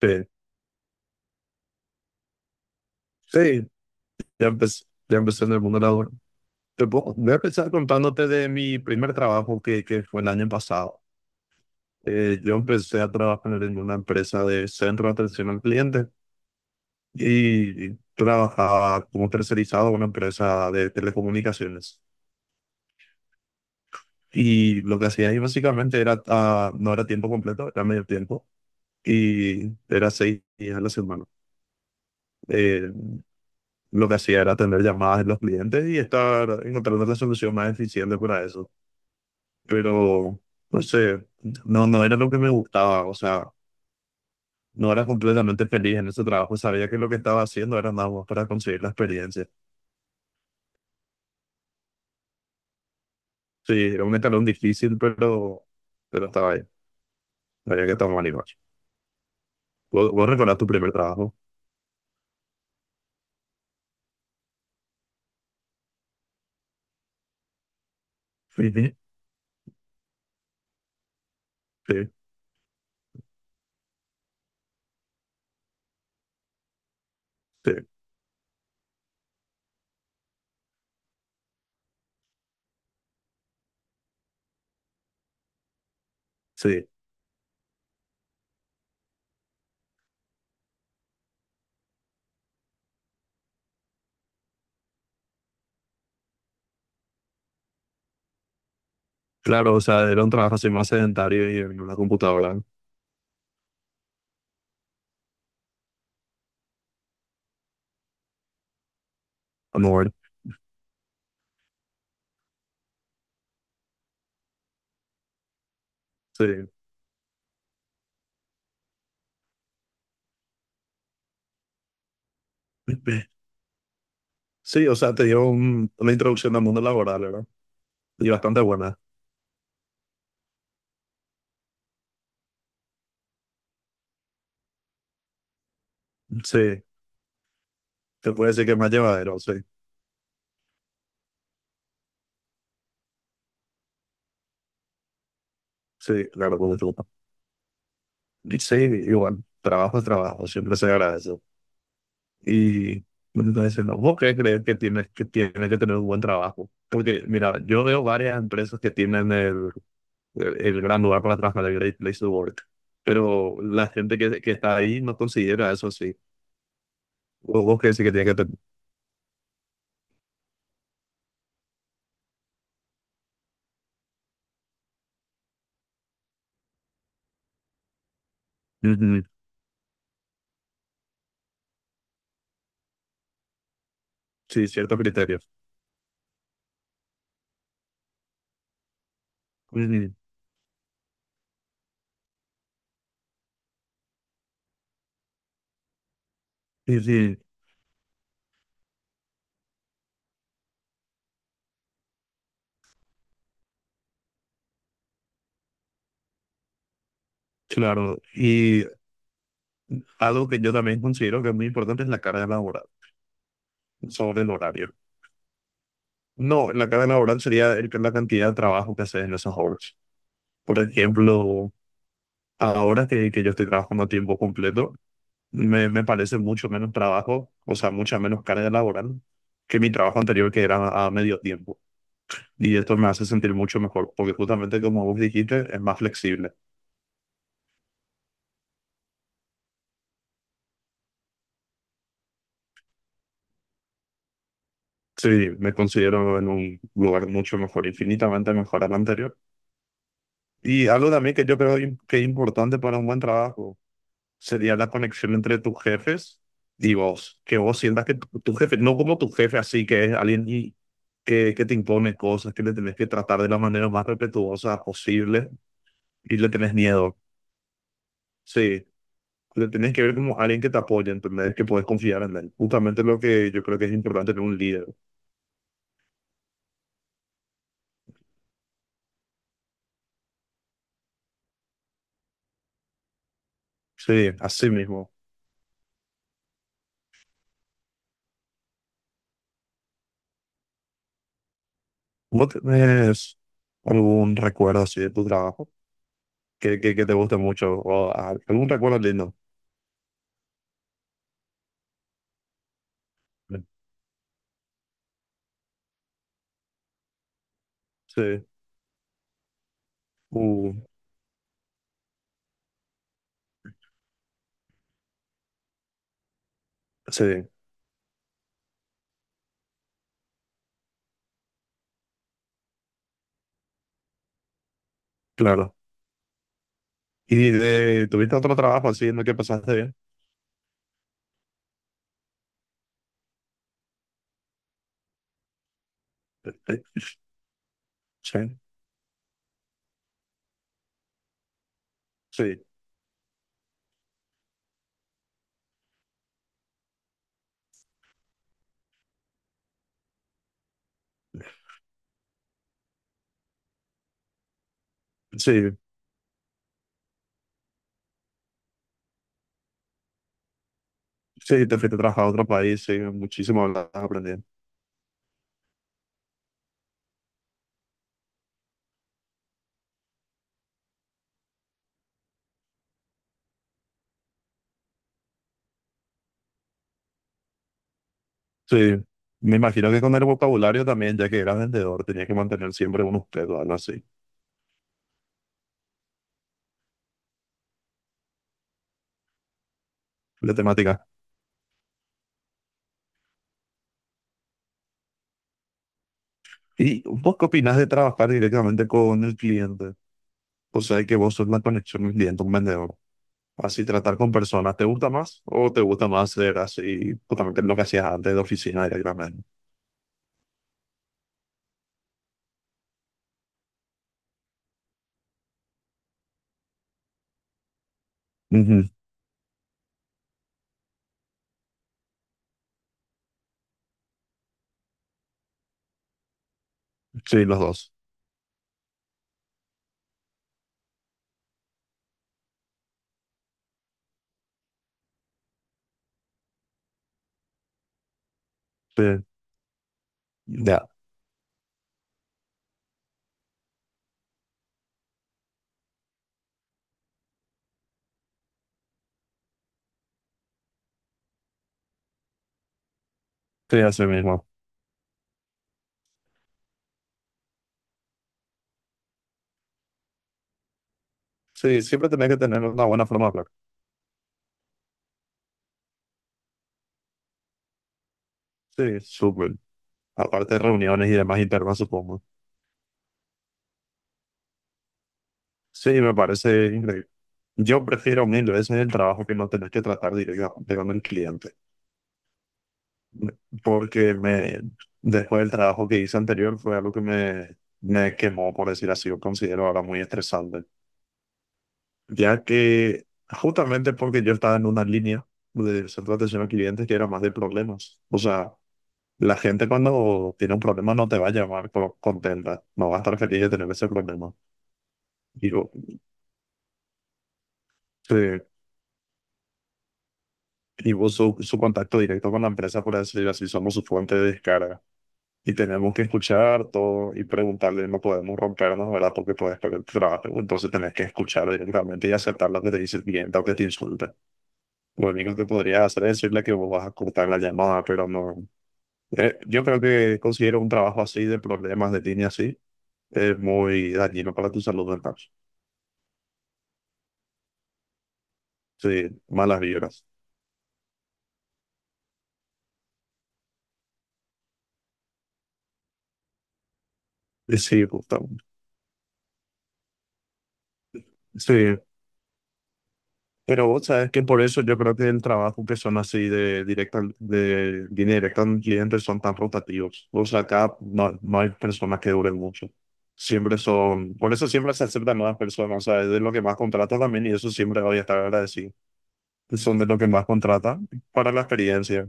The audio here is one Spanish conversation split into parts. Este, sí, ya empecé en el mundo laboral. Voy a empezar contándote de mi primer trabajo que fue el año pasado. Yo empecé a trabajar en una empresa de centro de atención al cliente y trabajaba como tercerizado en una empresa de telecomunicaciones. Y lo que hacía ahí básicamente no era tiempo completo, era medio tiempo y era 6 días a la semana. Eh, lo que hacía era atender llamadas de los clientes y estar encontrando la solución más eficiente para eso. Pero no sé, no era lo que me gustaba, o sea, no era completamente feliz en ese trabajo, sabía que lo que estaba haciendo era nada más para conseguir la experiencia. Sí, era un escalón difícil, pero estaba ahí, sabía que estaba mal igual. ¿Vos recordás tu primer trabajo? Sí, sí, sí, sí, sí. Claro, o sea, era un trabajo así más sedentario y en una computadora, a mover. Sí. Sí, o sea, te dio un- una introducción al mundo laboral, ¿verdad? Y bastante buena. Sí, te puedo decir que es más llevadero, sí. Sí, claro, con disfruta. Y sí, igual, trabajo es trabajo, siempre se agradece. Y entonces, ¿no? ¿Vos qué crees que tienes que tener un buen trabajo? Porque mira, yo veo varias empresas que tienen el, gran lugar para trabajar, el Great Place to Work. Pero la gente que está ahí no considera eso así. ¿Vos qué decís que tiene que tener? Ujú. Sí, ciertos criterios. Ujú. Sí, sí. Claro, y algo que yo también considero que es muy importante es la carga laboral sobre el horario. No, la carga laboral sería el- la cantidad de trabajo que haces en esas horas. Por ejemplo, ahora que yo estoy trabajando a tiempo completo, me parece mucho menos trabajo, o sea, mucha menos carga laboral que mi trabajo anterior que era a medio tiempo. Y esto me hace sentir mucho mejor, porque justamente como vos dijiste, es más flexible. Sí, me considero en un lugar mucho mejor, infinitamente mejor al anterior. Y algo también que yo creo que es importante para un buen trabajo sería la conexión entre tus jefes y vos. Que vos sientas que tu jefe, no como tu jefe así, que es alguien y- que te impone cosas, que le tenés que tratar de la manera más respetuosa posible y le tenés miedo. Sí, le tenés que ver como alguien que te apoya, ¿entendés? Que puedes confiar en él. Justamente lo que yo creo que es importante en un líder. Sí, así mismo. ¿Vos tenés algún recuerdo así de tu trabajo que te guste mucho o algún recuerdo lindo? Sí, uh, sí, claro. ¿Y de- tuviste otro trabajo así en el que pasaste bien? Eh, eh, Sí, sí, sí, sí, te fuiste a trabajar a otro país, sí, muchísimo hablas aprendiendo. Sí, me imagino que con el vocabulario también, ya que eras vendedor, tenías que mantener siempre unos pedos, algo así, la temática. ¿Y vos qué opinás de trabajar directamente con el cliente? O sea, que vos sos la conexión del cliente, un vendedor. Así tratar con personas, ¿te gusta más o te gusta más ser así, justamente lo que hacías antes de oficina directamente? Ujú. Sí, los dos. Sí, ya, sí, así mismo. Sí, siempre tenés que tener una buena forma de hablar. Sí, súper. Aparte de reuniones y demás internas, supongo. Sí, me parece increíble. Yo prefiero mil veces el trabajo que no tener que tratar directamente con el cliente. Porque me, después del trabajo que hice anterior fue algo que me quemó, por decir así, yo considero ahora muy estresante. Ya que justamente porque yo estaba en una línea de centro de atención al cliente que era más de problemas. O sea, la gente cuando tiene un problema no te va a llamar contenta, no va a estar feliz de tener ese problema. Y vos, sí, y vos su contacto directo con la empresa, por decir así, somos su fuente de descarga. Y tenemos que escuchar todo y preguntarle, no podemos rompernos, ¿verdad? Porque puedes perder el trabajo. Entonces tenés que escuchar directamente y aceptar lo que te dice el cliente o que te insulta. Lo único que podrías hacer es decirle que vos vas a cortar la llamada, pero no. Yo creo que considero un trabajo así de problemas de línea así es muy dañino para tu salud mental. Sí, malas vibras. Sí, justamente. Sí. Pero vos sabes que por eso yo creo que el trabajo que son así de directa, de línea directa al cliente son tan rotativos. O sea, acá no, no hay personas que duren mucho. Siempre son, por eso siempre se aceptan nuevas personas. O sea, es de lo que más contrata también y eso siempre voy a estar agradecido. Son de lo que más contrata para la experiencia.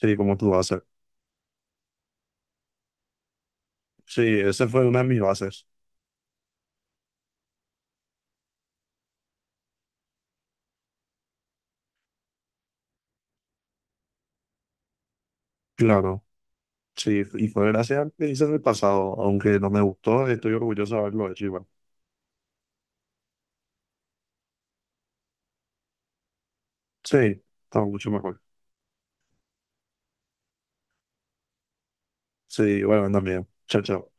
Sí, como tú haces. Sí, esa fue una de mis bases. Claro. Sí, y fue gracias al que hice en el pasado, aunque no me gustó, estoy orgulloso de haberlo hecho igual. Sí, estaba mucho mejor. Sí, bueno, también. Chao, chao.